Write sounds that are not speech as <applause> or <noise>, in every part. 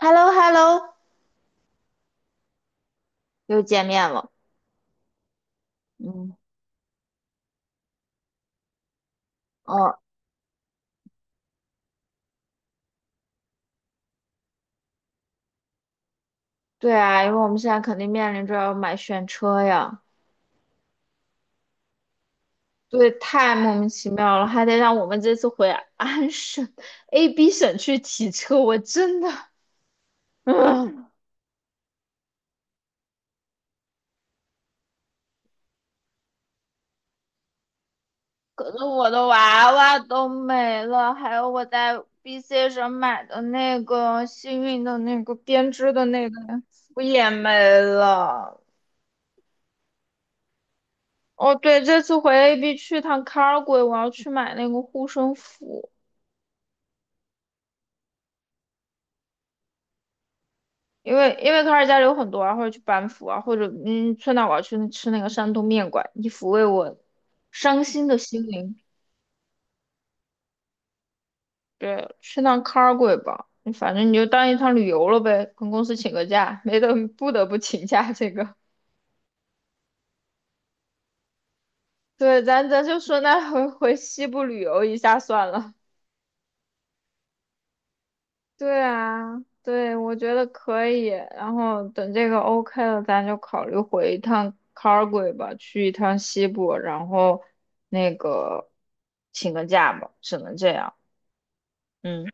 h e l l o h e l l o 又见面了。嗯，哦，对啊，因为我们现在肯定面临着要买选车呀，对，太莫名其妙了，还得让我们这次回安省 AB 省去提车，我真的，嗯，<laughs> 可是我的娃娃都没了，还有我在 BC 省买的那个幸运的那个编织的那个，我也没了。哦，对，这次回 AB 去趟 c a r g o 我要去买那个护身符。因为卡尔加里有很多啊，或者去班夫啊，或者去到我要去吃那个山东面馆，以抚慰我伤心的心灵。对，去趟卡尔贵吧，反正你就当一趟旅游了呗，跟公司请个假，没得不得不请假这个。<laughs> 对，咱就说那回回西部旅游一下算了。对啊，对，我觉得可以。然后等这个 OK 了，咱就考虑回一趟 Calgary 吧，去一趟西部，然后那个请个假吧，只能这样。嗯，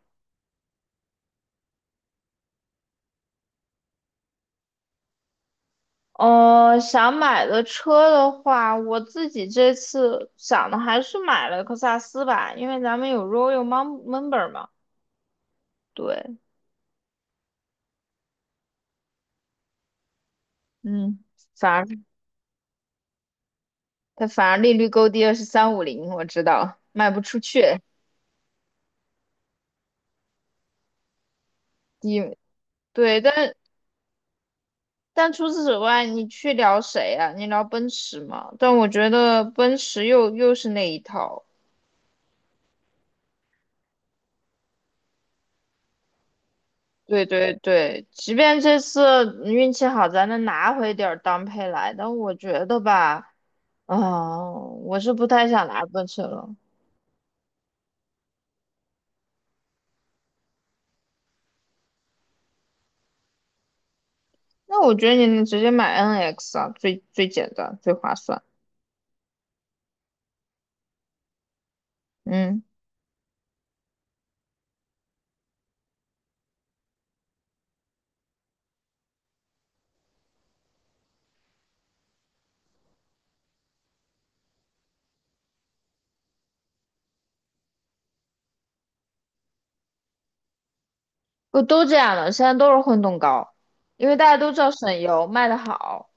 想买的车的话，我自己这次想的还是买了克萨斯吧，因为咱们有 Royal Member 嘛。对，嗯，反正它利率够低的是350，我知道卖不出去，低。对，但除此之外，你去聊谁啊？你聊奔驰吗？但我觉得奔驰又是那一套。对对对，即便这次运气好，咱能拿回点儿当配来，但我觉得吧，啊、我是不太想拿奔驰了。那我觉得你能直接买 NX 啊，最最简单，最划算。嗯，不都这样的，现在都是混动高，因为大家都知道省油卖得好，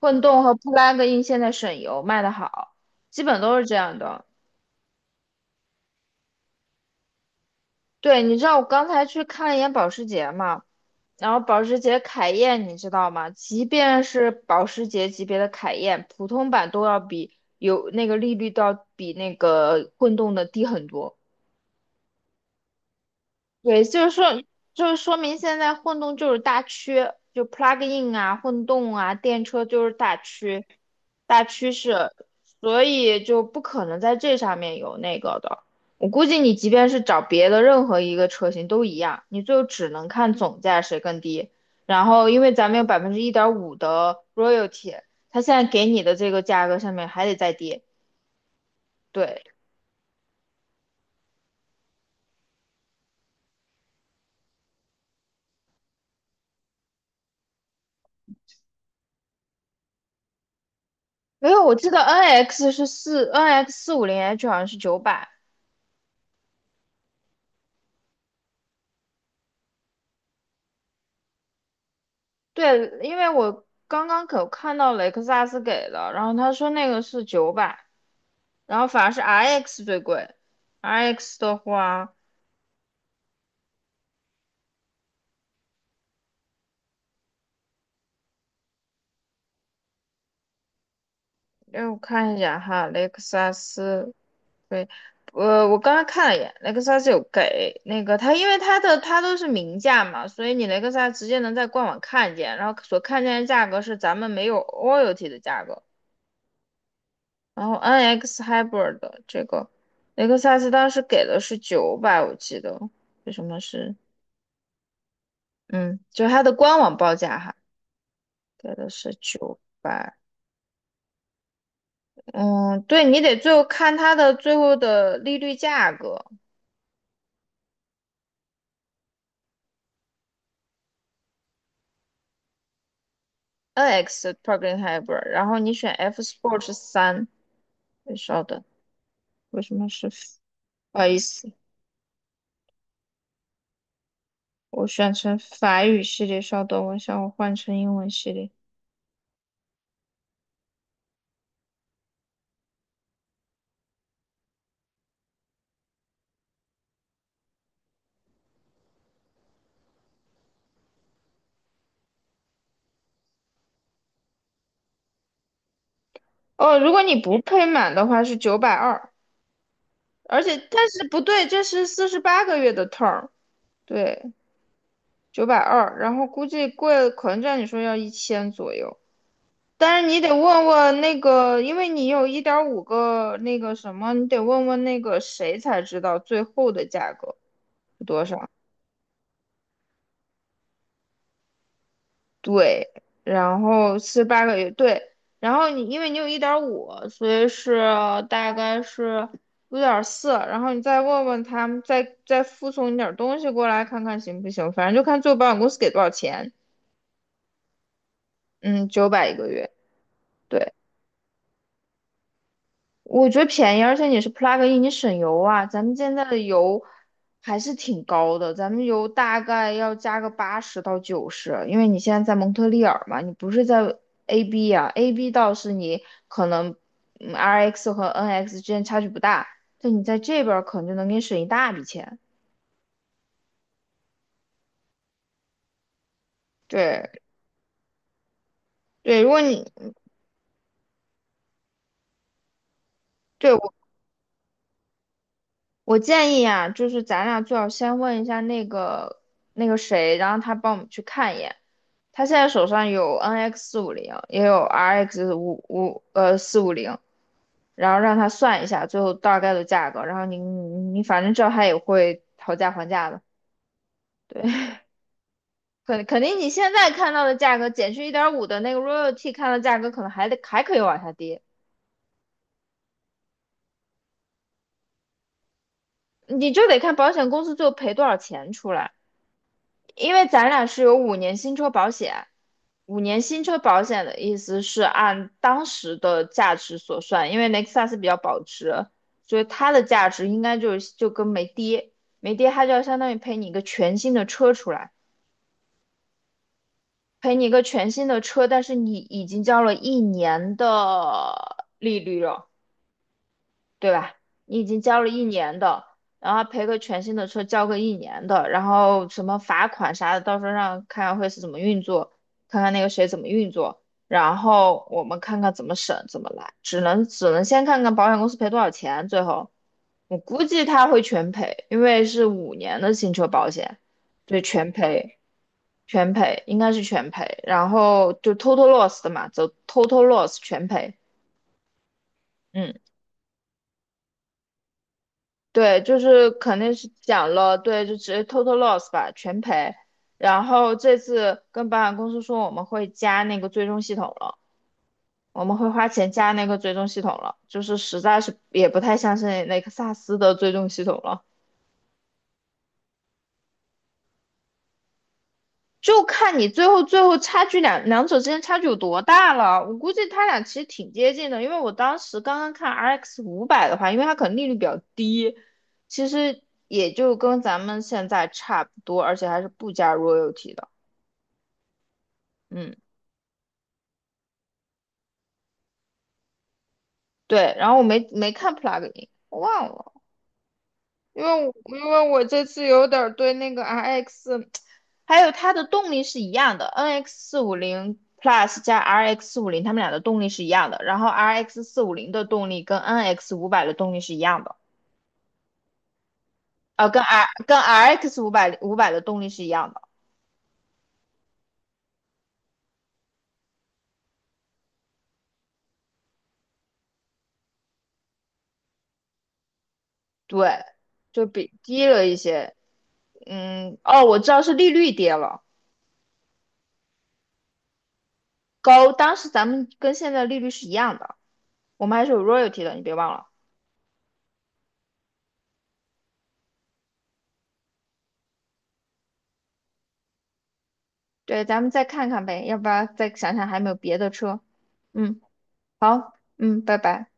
混动和 plug-in 现在省油卖得好。基本都是这样的。对，你知道我刚才去看了一眼保时捷嘛，然后保时捷凯宴你知道吗？即便是保时捷级别的凯宴，普通版都要比有那个利率都要比那个混动的低很多。对，就是说，明现在混动就是大趋，就 plug in 啊、混动啊、电车就是大趋势，所以就不可能在这上面有那个的。我估计你即便是找别的任何一个车型都一样，你最后只能看总价谁更低。然后，因为咱们有1.5%的 royalty,它现在给你的这个价格上面还得再低。对，没有，我记得 NX 450 H 好像是九百。对，因为我刚刚可看到雷克萨斯给的，然后他说那个是九百，然后反而是 RX 最贵。RX 的话，让我看一下哈，雷克萨斯，对，我刚刚看了一眼，雷克萨斯有给那个它，因为它的它都是明价嘛，所以你雷克萨斯直接能在官网看见，然后所看见的价格是咱们没有 royalty 的价格，然后 NX Hybrid 的这个雷克萨斯当时给的是九百，我记得。为什么是？嗯，就是它的官网报价哈，给的是九百。嗯，对你得最后看它的最后的利率价格，NX plug-in hybrid,然后你选 F Sport 3。稍等，为什么是？不好意思，我选成法语系列，稍等，我想我换成英文系列。哦，如果你不配满的话是九百二，而且但是不对，这是四十八个月的 term,对，九百二，然后估计贵，可能照你说要1000左右。但是你得问问那个，因为你有一点五个那个什么，你得问问那个谁才知道最后的价格是多少。对，然后四十八个月，对，然后你因为有一点五，所以是大概是5.4，然后你再问问他们，再附送你点儿东西过来看看行不行，反正就看最后保险公司给多少钱。嗯，九百一个月。对。我觉得便宜，而且你是 plug in,你省油啊。咱们现在的油还是挺高的，咱们油大概要加个80到90，因为你现在在蒙特利尔嘛，你不是在 AB 啊，AB 倒是你可能RX 和 NX 之间差距不大，但你在这边儿可能就能给你省一大笔钱。对对，如果你对我建议啊，就是咱俩最好先问一下那个谁，然后他帮我们去看一眼。他现在手上有 NX 450，也有 RX 五五呃四五零，然后让他算一下最后大概的价格，然后你反正知道他也会讨价还价的，对，<laughs> 肯定你现在看到的价格减去一点五的那个 royalty 看到价格可能还可以往下跌，你就得看保险公司最后赔多少钱出来，因为咱俩是有五年新车保险，五年新车保险的意思是按当时的价值所算，因为雷克萨斯比较保值，所以它的价值应该就跟没跌，没跌它就要相当于赔你一个全新的车出来，赔你一个全新的车，但是你已经交了一年的利率了。对吧？你已经交了一年的，然后赔个全新的车，交个一年的，然后什么罚款啥的，到时候让看看会是怎么运作，看看那个谁怎么运作，然后我们看看怎么审怎么来，只能先看看保险公司赔多少钱，最后我估计他会全赔，因为是五年的新车保险，对，全赔。全赔应该是全赔，然后就 total loss 的嘛，走 total loss 全赔，嗯。对，就是肯定是讲了，对，就直接 total loss 吧，全赔。然后这次跟保险公司说我们会加那个追踪系统了，我们会花钱加那个追踪系统了，就是实在是也不太相信雷克 <laughs> 萨斯的追踪系统了。就看你最后差距两者之间差距有多大了。我估计他俩其实挺接近的，因为我当时刚刚看 RX 五百的话，因为它可能利率比较低，其实也就跟咱们现在差不多，而且还是不加 royalty 的。嗯，对。然后我没看 plugin,我忘了。因为我这次有点儿对那个 RX,还有它的动力是一样的，NX 四五零 Plus 加 RX 450，它们俩的动力是一样的。然后 RX 四五零的动力跟 NX 五百的动力是一样的，跟 RX 五百的动力是一样的，对，就比低了一些。嗯，哦，我知道是利率跌了，高，当时咱们跟现在利率是一样的，我们还是有 royalty 的，你别忘了。对，咱们再看看呗，要不然再想想还有没有别的车。嗯，好，嗯，拜拜。